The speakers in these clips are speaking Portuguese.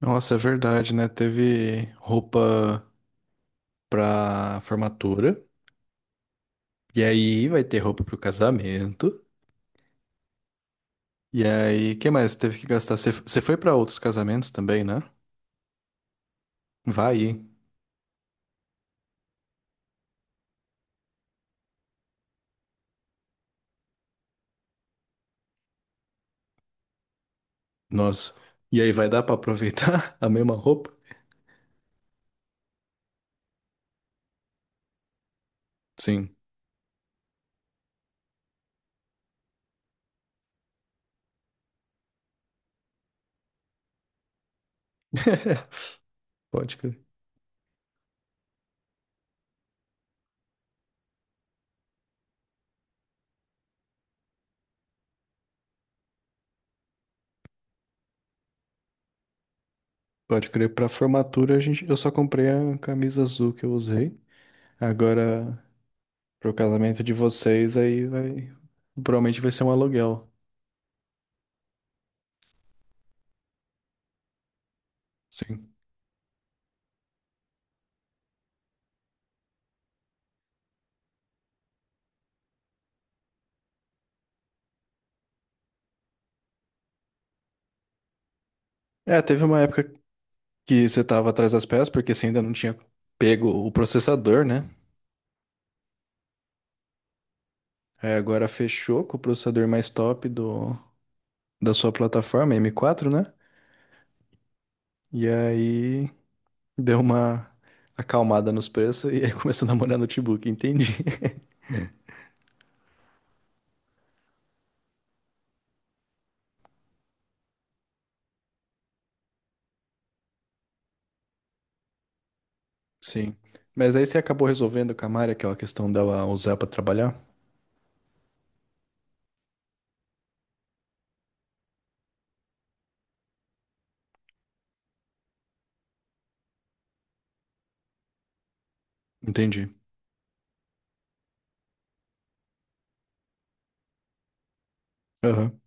Nossa, é verdade, né? Teve roupa pra formatura, e aí vai ter roupa pro casamento, e aí, que mais? Teve que gastar. Você foi pra outros casamentos também, né? Vai, hein? Nossa. E aí vai dar pra aproveitar a mesma roupa? Sim. Pode crer. Pode crer. Pra formatura, eu só comprei a camisa azul que eu usei. Agora, pro casamento de vocês, aí vai. Provavelmente vai ser um aluguel. Sim. É, teve uma época que você estava atrás das peças, porque você ainda não tinha pego o processador, né? Aí agora fechou com o processador mais top da sua plataforma, M4, né? E aí deu uma acalmada nos preços e aí começou a namorar notebook, entendi. Sim. Mas aí você acabou resolvendo com a Mari aquela questão dela usar pra trabalhar? Entendi. Aham.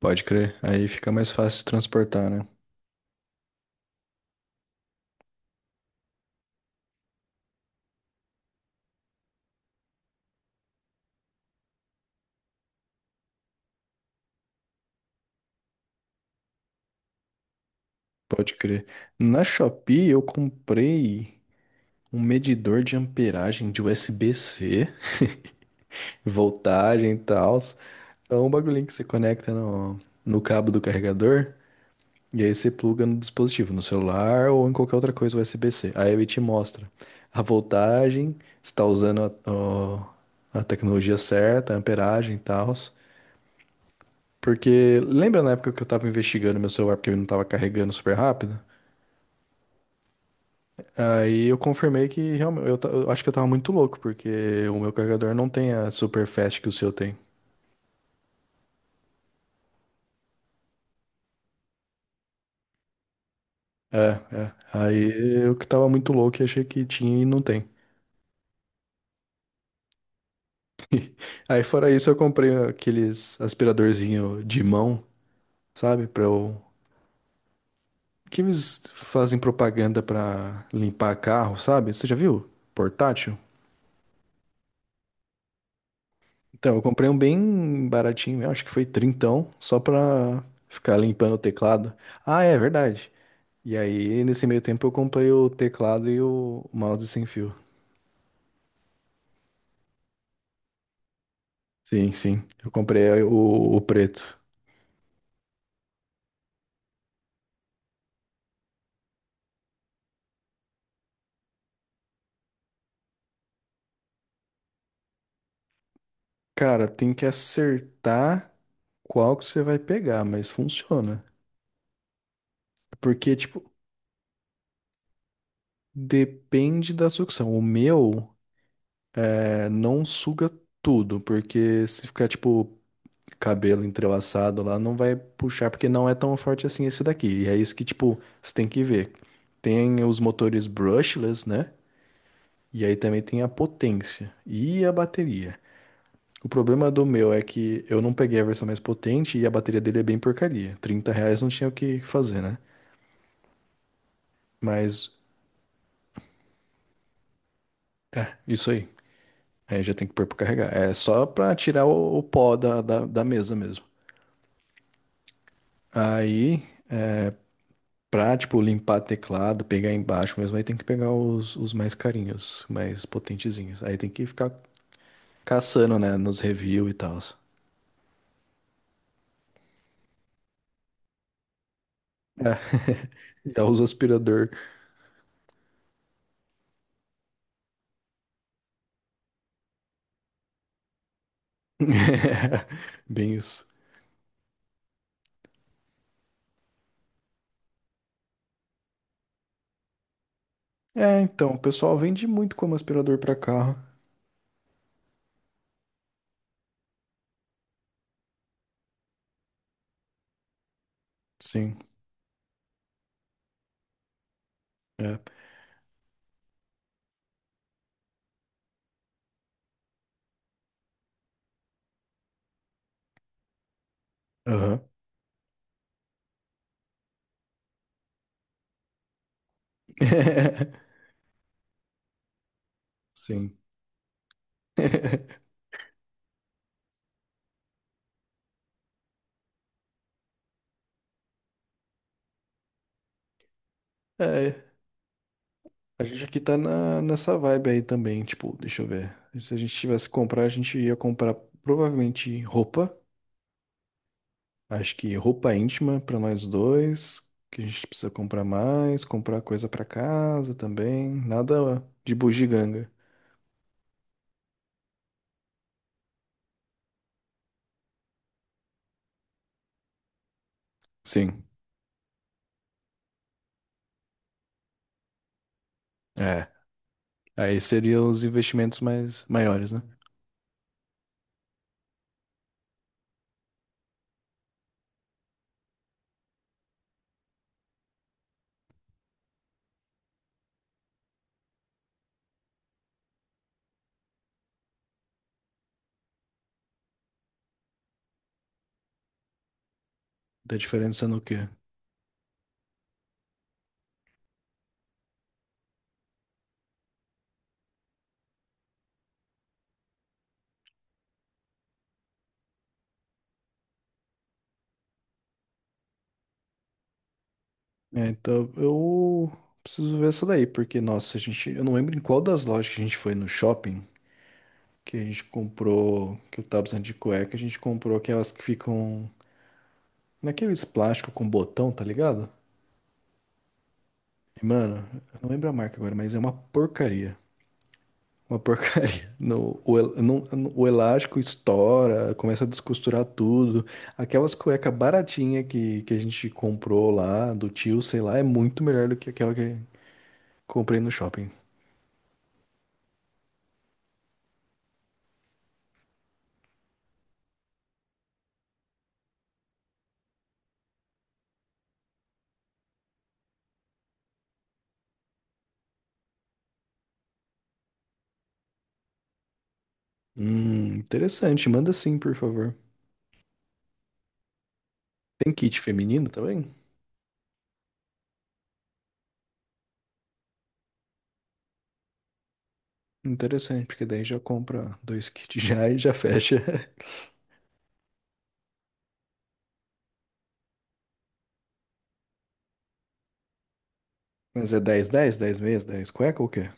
Pode crer. Aí fica mais fácil de transportar, né? Pode crer. Na Shopee eu comprei um medidor de amperagem de USB-C, voltagem e tal. É um bagulhinho que você conecta no cabo do carregador e aí você pluga no dispositivo, no celular ou em qualquer outra coisa USB-C. Aí ele te mostra a voltagem, se está usando a tecnologia certa, a amperagem e tal. Porque lembra na época que eu tava investigando meu celular porque ele não tava carregando super rápido? Aí eu confirmei que realmente, eu acho que eu tava muito louco, porque o meu carregador não tem a super fast que o seu tem. É, é. Aí eu que tava muito louco e achei que tinha e não tem. Aí fora isso eu comprei aqueles aspiradorzinho de mão, sabe? Que eles fazem propaganda pra limpar carro, sabe? Você já viu? Portátil? Então, eu comprei um bem baratinho, eu acho que foi trintão, só pra ficar limpando o teclado. Ah, é verdade. E aí, nesse meio tempo, eu comprei o teclado e o mouse sem fio. Sim, sim. Eu comprei o preto. Cara, tem que acertar qual que você vai pegar, mas funciona. Porque, tipo, depende da sucção. O meu é, não suga tudo, porque se ficar, tipo, cabelo entrelaçado lá, não vai puxar, porque não é tão forte assim esse daqui. E é isso que, tipo, você tem que ver. Tem os motores brushless, né? E aí também tem a potência e a bateria. O problema do meu é que eu não peguei a versão mais potente e a bateria dele é bem porcaria, 30 reais não tinha o que fazer, né? Mas isso aí. Aí já tem que pôr pra carregar. É só pra tirar o pó da mesa mesmo. Aí, pra, tipo, limpar teclado, pegar embaixo mesmo, aí tem que pegar os mais carinhos, mais potentezinhos. Aí tem que ficar caçando, né, nos reviews e tal. É. Já usa aspirador. Bem isso. É, então, o pessoal vende muito como aspirador pra carro. Sim, é. Aham. Sim. É, a gente aqui tá nessa vibe aí também, tipo, deixa eu ver. Se a gente tivesse que comprar, a gente ia comprar provavelmente roupa. Acho que roupa íntima pra nós dois, que a gente precisa comprar mais, comprar coisa pra casa também, nada de bugiganga. Sim, é. Aí seriam os investimentos mais maiores, né? Da diferença no quê? É, então eu preciso ver essa daí, porque, nossa, eu não lembro em qual das lojas que a gente foi no shopping que a gente comprou, que eu tava precisando de cueca, a gente comprou aquelas que ficam naqueles plásticos com botão, tá ligado? E, mano, eu não lembro a marca agora, mas é uma porcaria. Uma porcaria. No, o, el- não- no- o elástico estoura, começa a descosturar tudo. Aquelas cueca baratinha que a gente comprou lá, do tio, sei lá, é muito melhor do que aquela que comprei no shopping. Interessante. Manda sim, por favor. Tem kit feminino também? Interessante, porque daí já compra dois kits já e já fecha. Mas é dez meias, dez cueca ou o quê?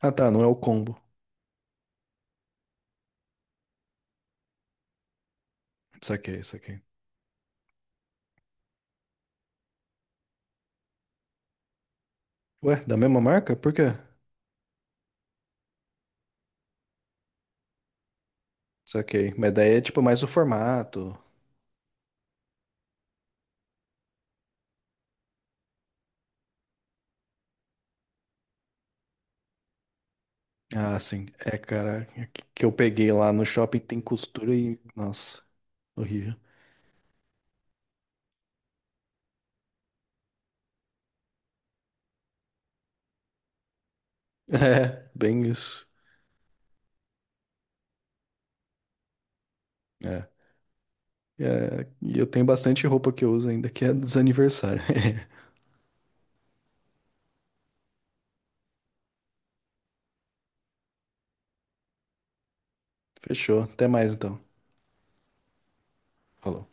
Ah, tá, não é o combo. Saquei, saquei. Ué, da mesma marca? Por quê? Saquei. Mas daí é tipo mais o formato. Ah, sim. É, cara, é que eu peguei lá no shopping tem costura e. Nossa, horrível. É, bem isso. É. É, e eu tenho bastante roupa que eu uso ainda que é dos aniversários. Fechou. Até mais então. Falou.